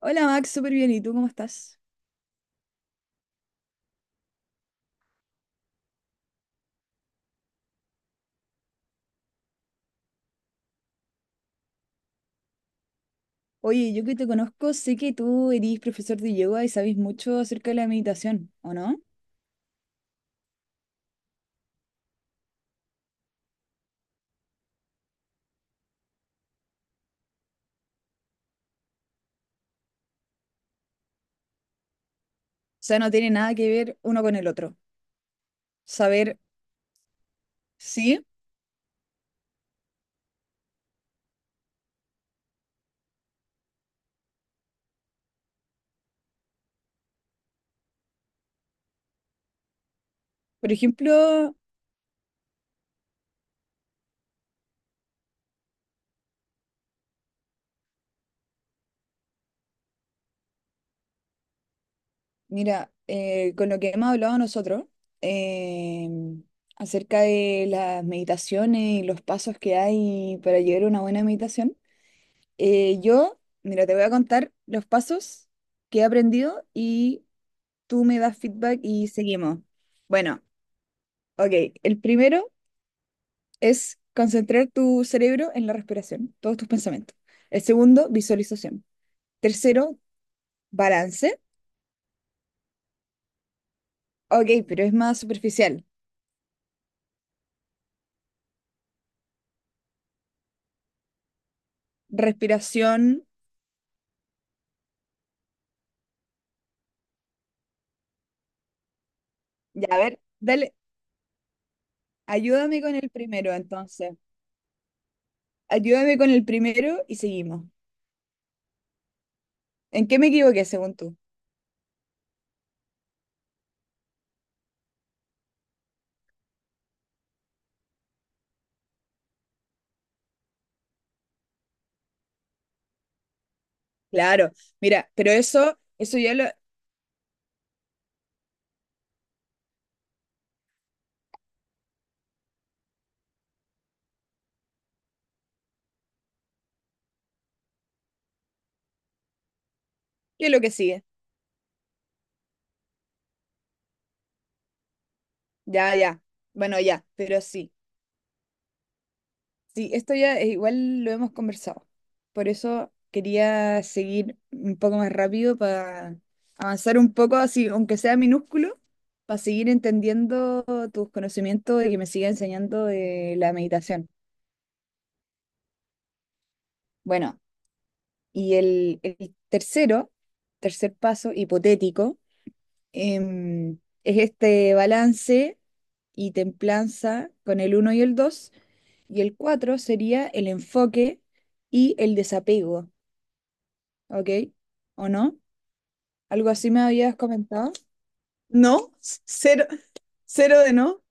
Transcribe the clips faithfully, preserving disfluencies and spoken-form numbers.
Hola Max, súper bien. ¿Y tú cómo estás? Oye, yo que te conozco, sé que tú eres profesor de yoga y sabes mucho acerca de la meditación, ¿o no? O sea, no tiene nada que ver uno con el otro. Saber, sí, por ejemplo, mira, eh, con lo que hemos hablado nosotros eh, acerca de las meditaciones y los pasos que hay para llegar a una buena meditación, eh, yo, mira, te voy a contar los pasos que he aprendido y tú me das feedback y seguimos. Bueno. Ok, el primero es concentrar tu cerebro en la respiración, todos tus pensamientos. El segundo, visualización. Tercero, balance. Ok, pero es más superficial. Respiración. Ya, a ver, dale, ayúdame con el primero entonces. Ayúdame con el primero y seguimos. ¿En qué me equivoqué según tú? Claro, mira, pero eso, eso ya lo, ¿qué es lo que sigue? Ya, ya. Bueno, ya, pero sí. Sí, esto ya eh, igual lo hemos conversado. Por eso quería seguir un poco más rápido para avanzar un poco, así, aunque sea minúsculo, para seguir entendiendo tus conocimientos y que me siga enseñando de la meditación. Bueno, y el, el tercero, tercer paso hipotético, em, es este balance y templanza con el uno y el dos y el cuatro sería el enfoque y el desapego. ¿Ok? ¿O no? ¿Algo así me habías comentado? No, cero, cero de no.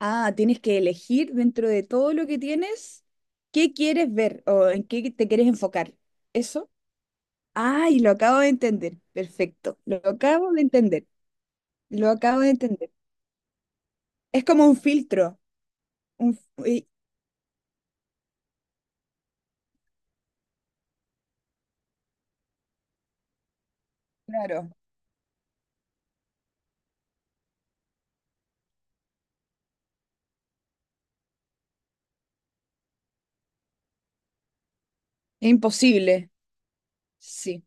Ah, tienes que elegir dentro de todo lo que tienes qué quieres ver o en qué te quieres enfocar. ¿Eso? Ay, lo acabo de entender. Perfecto. Lo acabo de entender. Lo acabo de entender. Es como un filtro. Un, y- claro. Es imposible. Sí.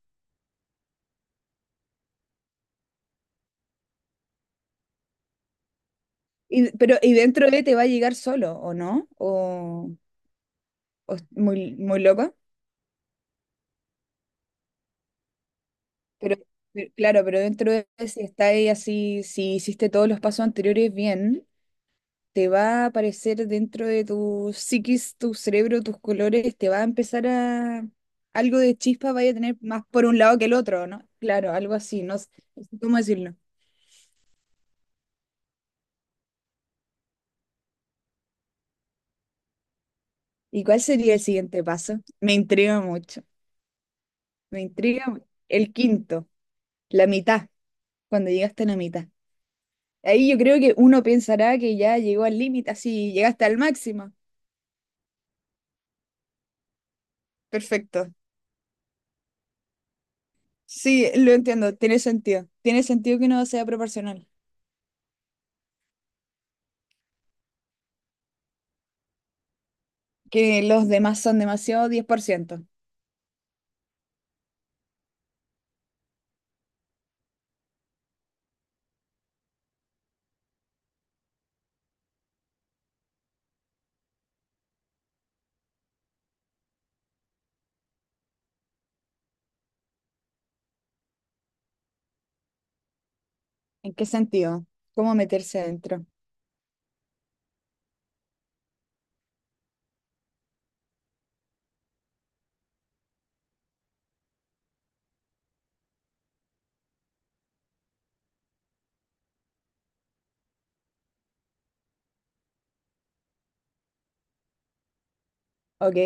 Y, pero, y dentro de te va a llegar solo, ¿o no? ¿O, o es muy, muy loco? Pero, pero- claro, pero dentro de si está ahí así, si hiciste todos los pasos anteriores bien, te va a aparecer dentro de tu psiquis, tu cerebro, tus colores, te va a empezar a algo de chispa vaya a tener más por un lado que el otro, ¿no? Claro, algo así, no sé no cómo decirlo. ¿Y cuál sería el siguiente paso? Me intriga mucho, me intriga mu- el quinto, la mitad, cuando llegaste a la mitad. Ahí yo creo que uno pensará que ya llegó al límite, así llegaste al máximo. Perfecto. Sí, lo entiendo, tiene sentido. Tiene sentido que no sea proporcional, que los demás son demasiado diez por ciento. ¿En qué sentido? ¿Cómo meterse adentro? ¿Ok?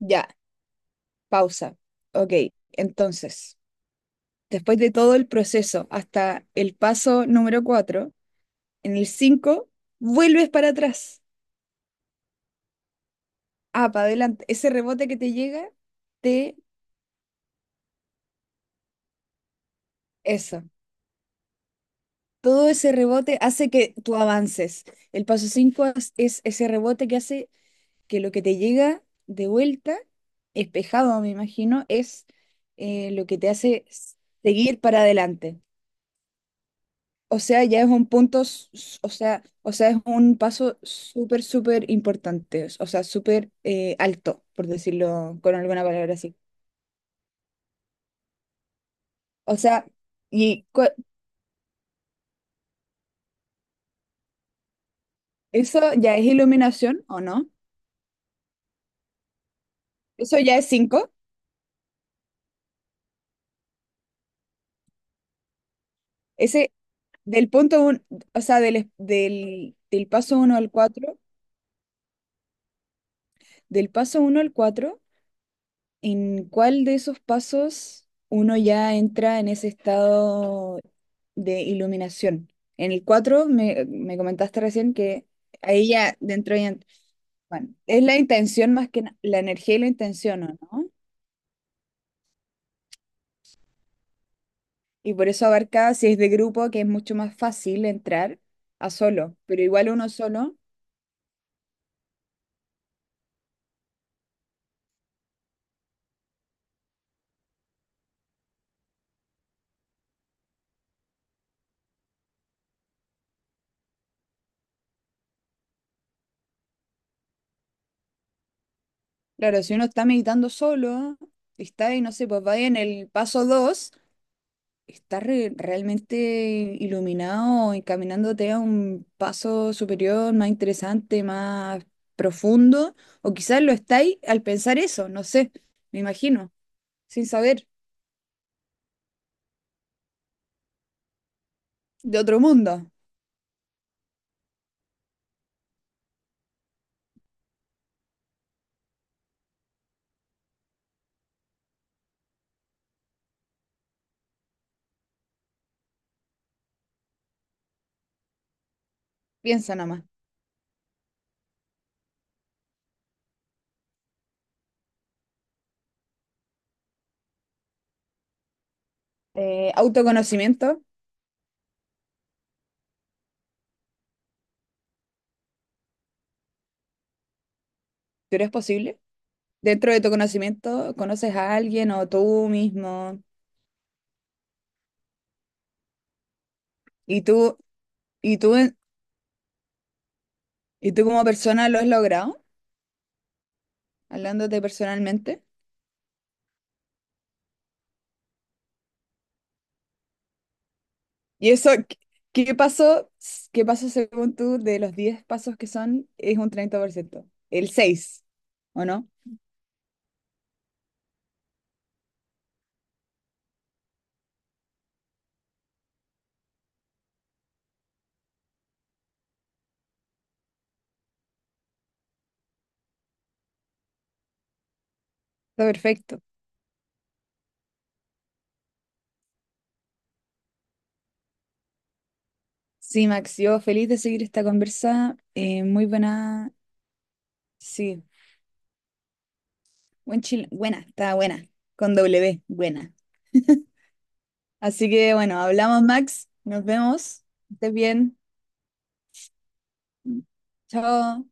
Ya, pausa. Ok, entonces, después de todo el proceso hasta el paso número cuatro, en el cinco vuelves para atrás. Ah, para adelante. Ese rebote que te llega, te. Eso. Todo ese rebote hace que tú avances. El paso cinco es es ese rebote que hace que lo que te llega de vuelta, espejado, me imagino, es eh, lo que te hace s- seguir para adelante. O sea, ya es un punto, s- s- o sea, o sea, es un paso súper, súper importante, o sea, súper eh, alto, por decirlo con alguna palabra así. O sea, y cu- eso ya es iluminación, ¿o no? Eso ya es cinco. Ese, del punto uno, o sea, del, es- del, del paso uno al cuatro, del paso uno al cuatro. ¿En cuál de esos pasos uno ya entra en ese estado de iluminación? En el cuatro me, me comentaste recién que ahí ya dentro ya. ent- Bueno, es la intención más que na- la energía y la intención, ¿o no? Y por eso abarca, si es de grupo, que es mucho más fácil entrar a solo, pero igual uno solo, claro, si uno está meditando solo, está y no sé, pues va en el paso dos. Estás re- realmente iluminado, encaminándote a un paso superior, más interesante, más profundo, o quizás lo estáis al pensar eso, no sé, me imagino, sin saber, de otro mundo, piensa nada más. Eh, autoconocimiento, pero es posible. Dentro de tu conocimiento, conoces a alguien o tú mismo, y tú, y tú, y tú como persona lo has logrado, hablándote personalmente. ¿Y eso qué qué pasó? ¿Qué pasó según tú de los diez pasos que son? Es un treinta por ciento. El seis, ¿o no? Está perfecto. Sí, Max, yo feliz de seguir esta conversa. Eh, muy buena. Sí, buen chile. Buena, está buena. Con W, buena. Así que bueno, hablamos, Max. Nos vemos. Que estés bien. Chao.